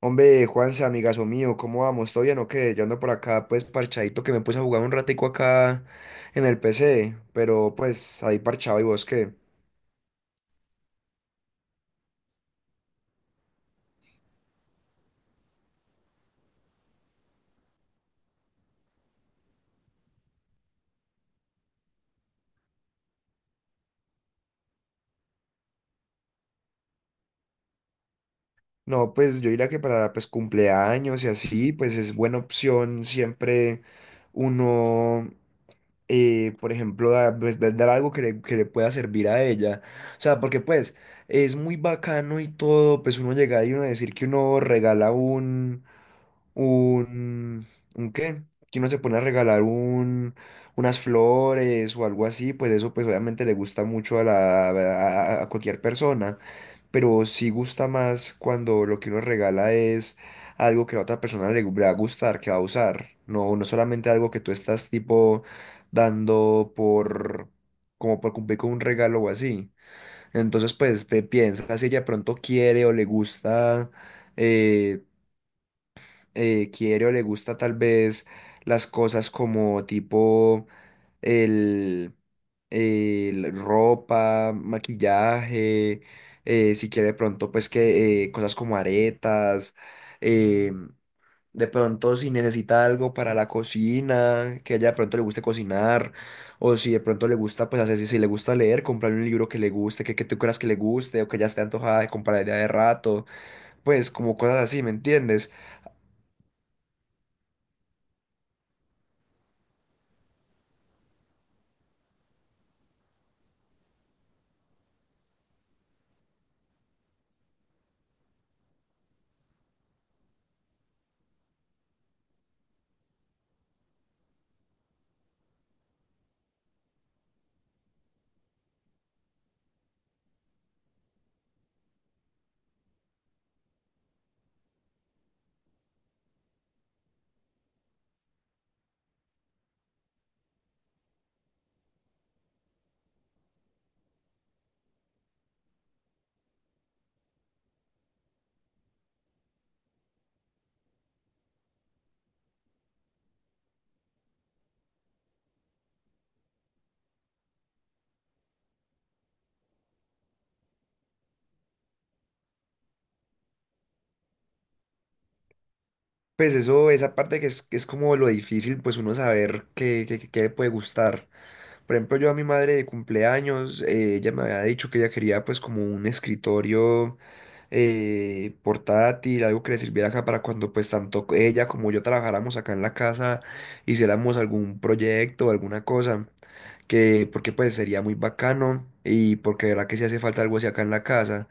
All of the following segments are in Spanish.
Hombre, Juanse, amigazo mío, ¿cómo vamos? ¿Todo bien o qué? Yo ando por acá, pues, parchadito, que me puse a jugar un ratico acá en el PC, pero, pues, ahí parchado, ¿y vos qué? No, pues, yo diría que para, pues, cumpleaños y así, pues, es buena opción siempre uno, por ejemplo, dar algo que le pueda servir a ella. O sea, porque, pues, es muy bacano y todo, pues, uno llega y uno decir que uno regala un un, ¿un qué? Que uno se pone a regalar unas flores o algo así, pues eso pues obviamente le gusta mucho a cualquier persona, pero sí gusta más cuando lo que uno regala es algo que a la otra persona le va a gustar, que va a usar, no, no solamente algo que tú estás tipo dando como por cumplir con un regalo o así. Entonces, pues, piensa si ella pronto quiere o le gusta eh, tal vez las cosas como tipo el, el ropa, maquillaje, si quiere de pronto pues que cosas como aretas, eh, de pronto si necesita algo para la cocina, que a ella de pronto le guste cocinar, o si de pronto le gusta pues hacer, si le gusta leer, comprarle un libro que le guste, que tú creas que le guste, o que ya esté antojada de comprar ya de rato, pues como cosas así, ¿me entiendes? Pues eso, esa parte que es como lo difícil, pues uno saber qué le puede gustar. Por ejemplo, yo a mi madre de cumpleaños, ella me había dicho que ella quería pues como un escritorio portátil, algo que le sirviera acá para cuando pues tanto ella como yo trabajáramos acá en la casa, hiciéramos algún proyecto, alguna cosa que porque pues sería muy bacano y porque de verdad que si hace falta algo así acá en la casa,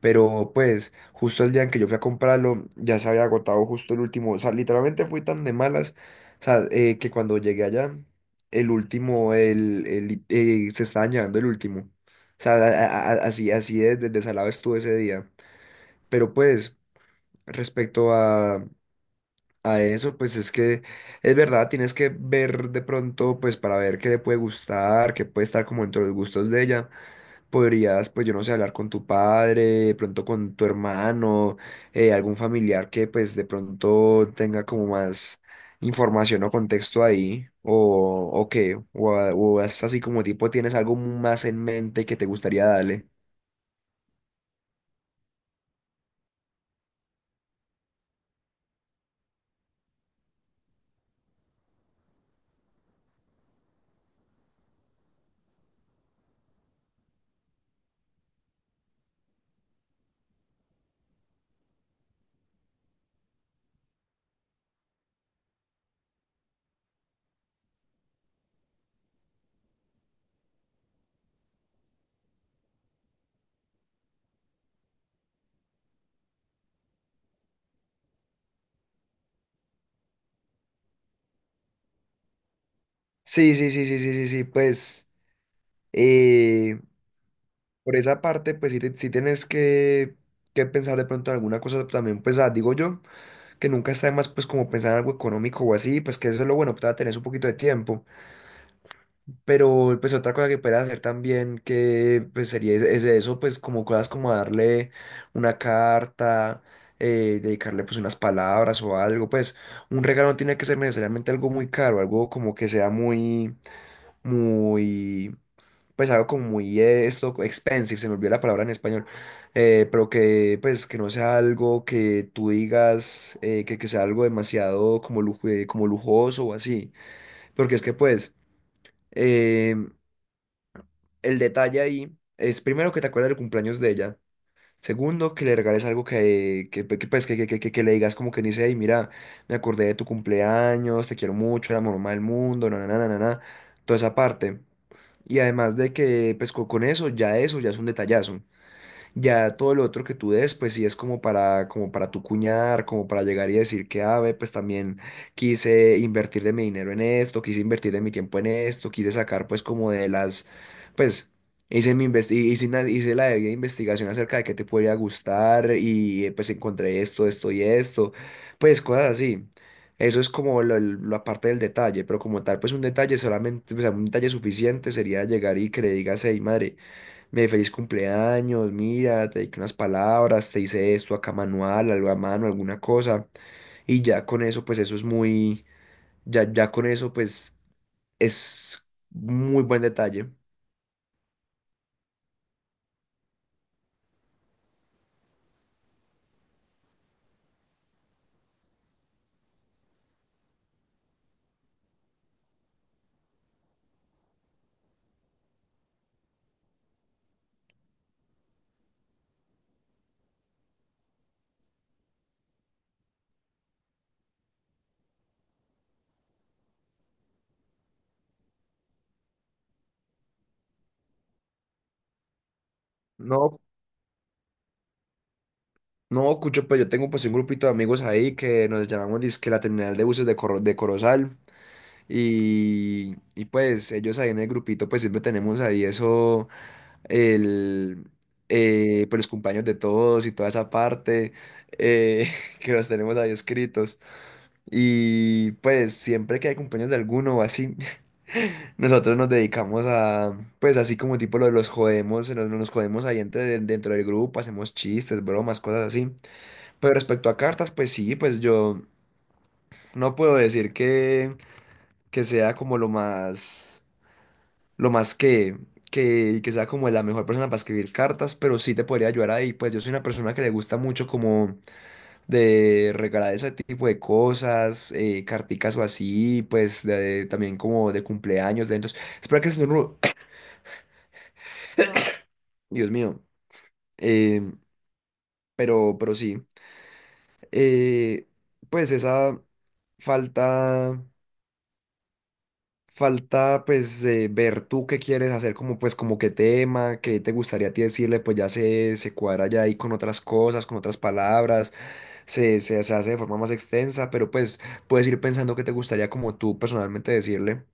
pero pues justo el día en que yo fui a comprarlo ya se había agotado justo el último, o sea, literalmente fui tan de malas, o sea, que cuando llegué allá, el último, se estaba llevando el último, o sea, así, de desalado estuve ese día, pero pues respecto a eso, pues es que es verdad, tienes que ver de pronto, pues para ver qué le puede gustar, qué puede estar como dentro de los gustos de ella, podrías, pues yo no sé, hablar con tu padre, de pronto con tu hermano, algún familiar que pues de pronto tenga como más información o contexto ahí, o qué, o, a- o es así como tipo tienes algo más en mente que te gustaría darle. Sí, sí, sí, sí, sí, sí, sí. pues... Por esa parte, pues sí, sí tienes que, pensar de pronto en alguna cosa también, pues ah, digo yo, que nunca está de más pues como pensar en algo económico o así, pues que eso es lo bueno, pues tener un poquito de tiempo, pero pues otra cosa que puedes hacer también que pues sería es, eso, pues como cosas como darle una carta, dedicarle pues unas palabras o algo, pues un regalo no tiene que ser necesariamente algo muy caro, algo como que sea muy, muy pues algo como muy esto, expensive, se me olvidó la palabra en español, pero que pues que no sea algo que tú digas, que, sea algo demasiado como, lujo, como lujoso o así, porque es que pues eh, el detalle ahí es primero que te acuerdes del cumpleaños de ella. Segundo, que le regales algo pues, que le digas como que dice, hey, mira, me acordé de tu cumpleaños, te quiero mucho, eres la mamá del mundo, na, na, na, na, na, na, toda esa parte. Y además de que, pues con eso ya es un detallazo. Ya todo lo otro que tú des, pues sí es como para, como para tu cuñar, como para llegar y decir que, ah, ve, pues también quise invertir de mi dinero en esto, quise invertir de mi tiempo en esto, quise sacar pues como de las, pues hice mi investi- hice, una- hice la debida investigación acerca de qué te podría gustar y pues encontré esto, esto y esto, pues cosas así. Eso es como la parte del detalle, pero como tal, pues un detalle solamente, o sea, un detalle suficiente sería llegar y que le digas, hey, madre. Me dice feliz cumpleaños, mira, te dediqué unas palabras, te hice esto acá manual, algo a mano, alguna cosa. Y ya con eso, pues eso es ya, ya con eso, pues es muy buen detalle. No, no, Cucho, pues yo tengo pues un grupito de amigos ahí que nos llamamos dizque la terminal de buses de Corozal. Y pues ellos ahí en el grupito, pues siempre tenemos ahí eso el, pues los cumpleaños de todos y toda esa parte eh, que los tenemos ahí escritos. Y pues siempre que hay cumpleaños de alguno o así, nosotros nos dedicamos a, pues así como tipo lo de los jodemos, nos jodemos ahí entre, dentro del grupo, hacemos chistes, bromas, cosas así. Pero respecto a cartas, pues sí, pues yo no puedo decir que sea como lo más que sea como la mejor persona para escribir cartas, pero sí te podría ayudar ahí. Pues yo soy una persona que le gusta mucho como de regalar ese tipo de cosas, carticas o así, pues también como de cumpleaños, de eventos. Espera que Dios mío. Eh, pero sí. Eh, pues esa falta. Falta, pues, ver tú qué quieres hacer, como pues como qué tema, qué te gustaría a ti decirle, pues ya se cuadra ya ahí con otras cosas, con otras palabras, se hace de forma más extensa, pero pues puedes ir pensando qué te gustaría como tú personalmente decirle.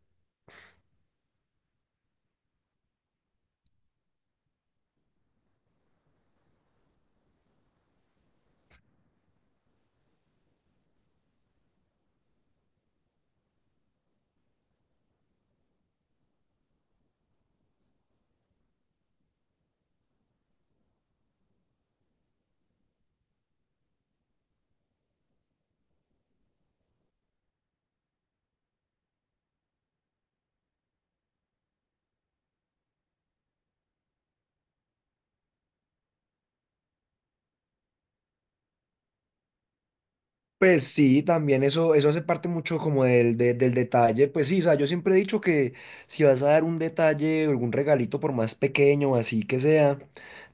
Pues sí, también eso hace parte mucho como del detalle. Pues sí, o sea, yo siempre he dicho que si vas a dar un detalle, o algún regalito, por más pequeño, o así que sea,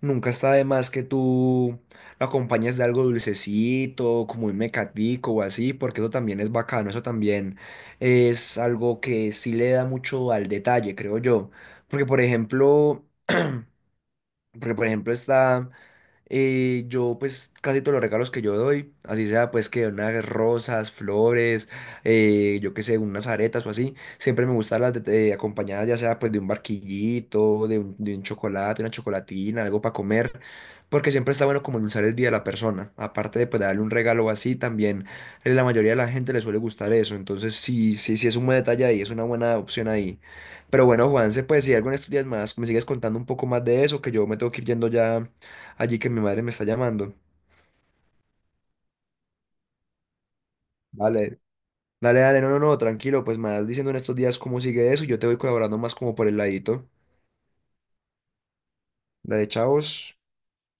nunca está de más que tú lo acompañes de algo dulcecito, como un mecatico o así, porque eso también es bacano, eso también es algo que sí le da mucho al detalle, creo yo. Porque, por ejemplo, Porque, por ejemplo, está. Yo pues casi todos los regalos que yo doy, así sea pues que unas rosas, flores, yo qué sé, unas aretas o así, siempre me gustan las acompañadas ya sea pues de un barquillito, de un chocolate, una chocolatina, algo para comer, porque siempre está bueno como endulzar el día a la persona, aparte de pues darle un regalo así también, la mayoría de la gente le suele gustar eso, entonces sí, sí, sí es un buen detalle ahí, es una buena opción ahí. Pero bueno, Juanse, pues si algo en estos días más me sigues contando un poco más de eso, que yo me tengo que ir yendo ya allí que mi madre me está llamando. Dale, dale, dale, no, no, no, tranquilo, pues me vas diciendo en estos días cómo sigue eso y yo te voy colaborando más como por el ladito. Dale, chavos.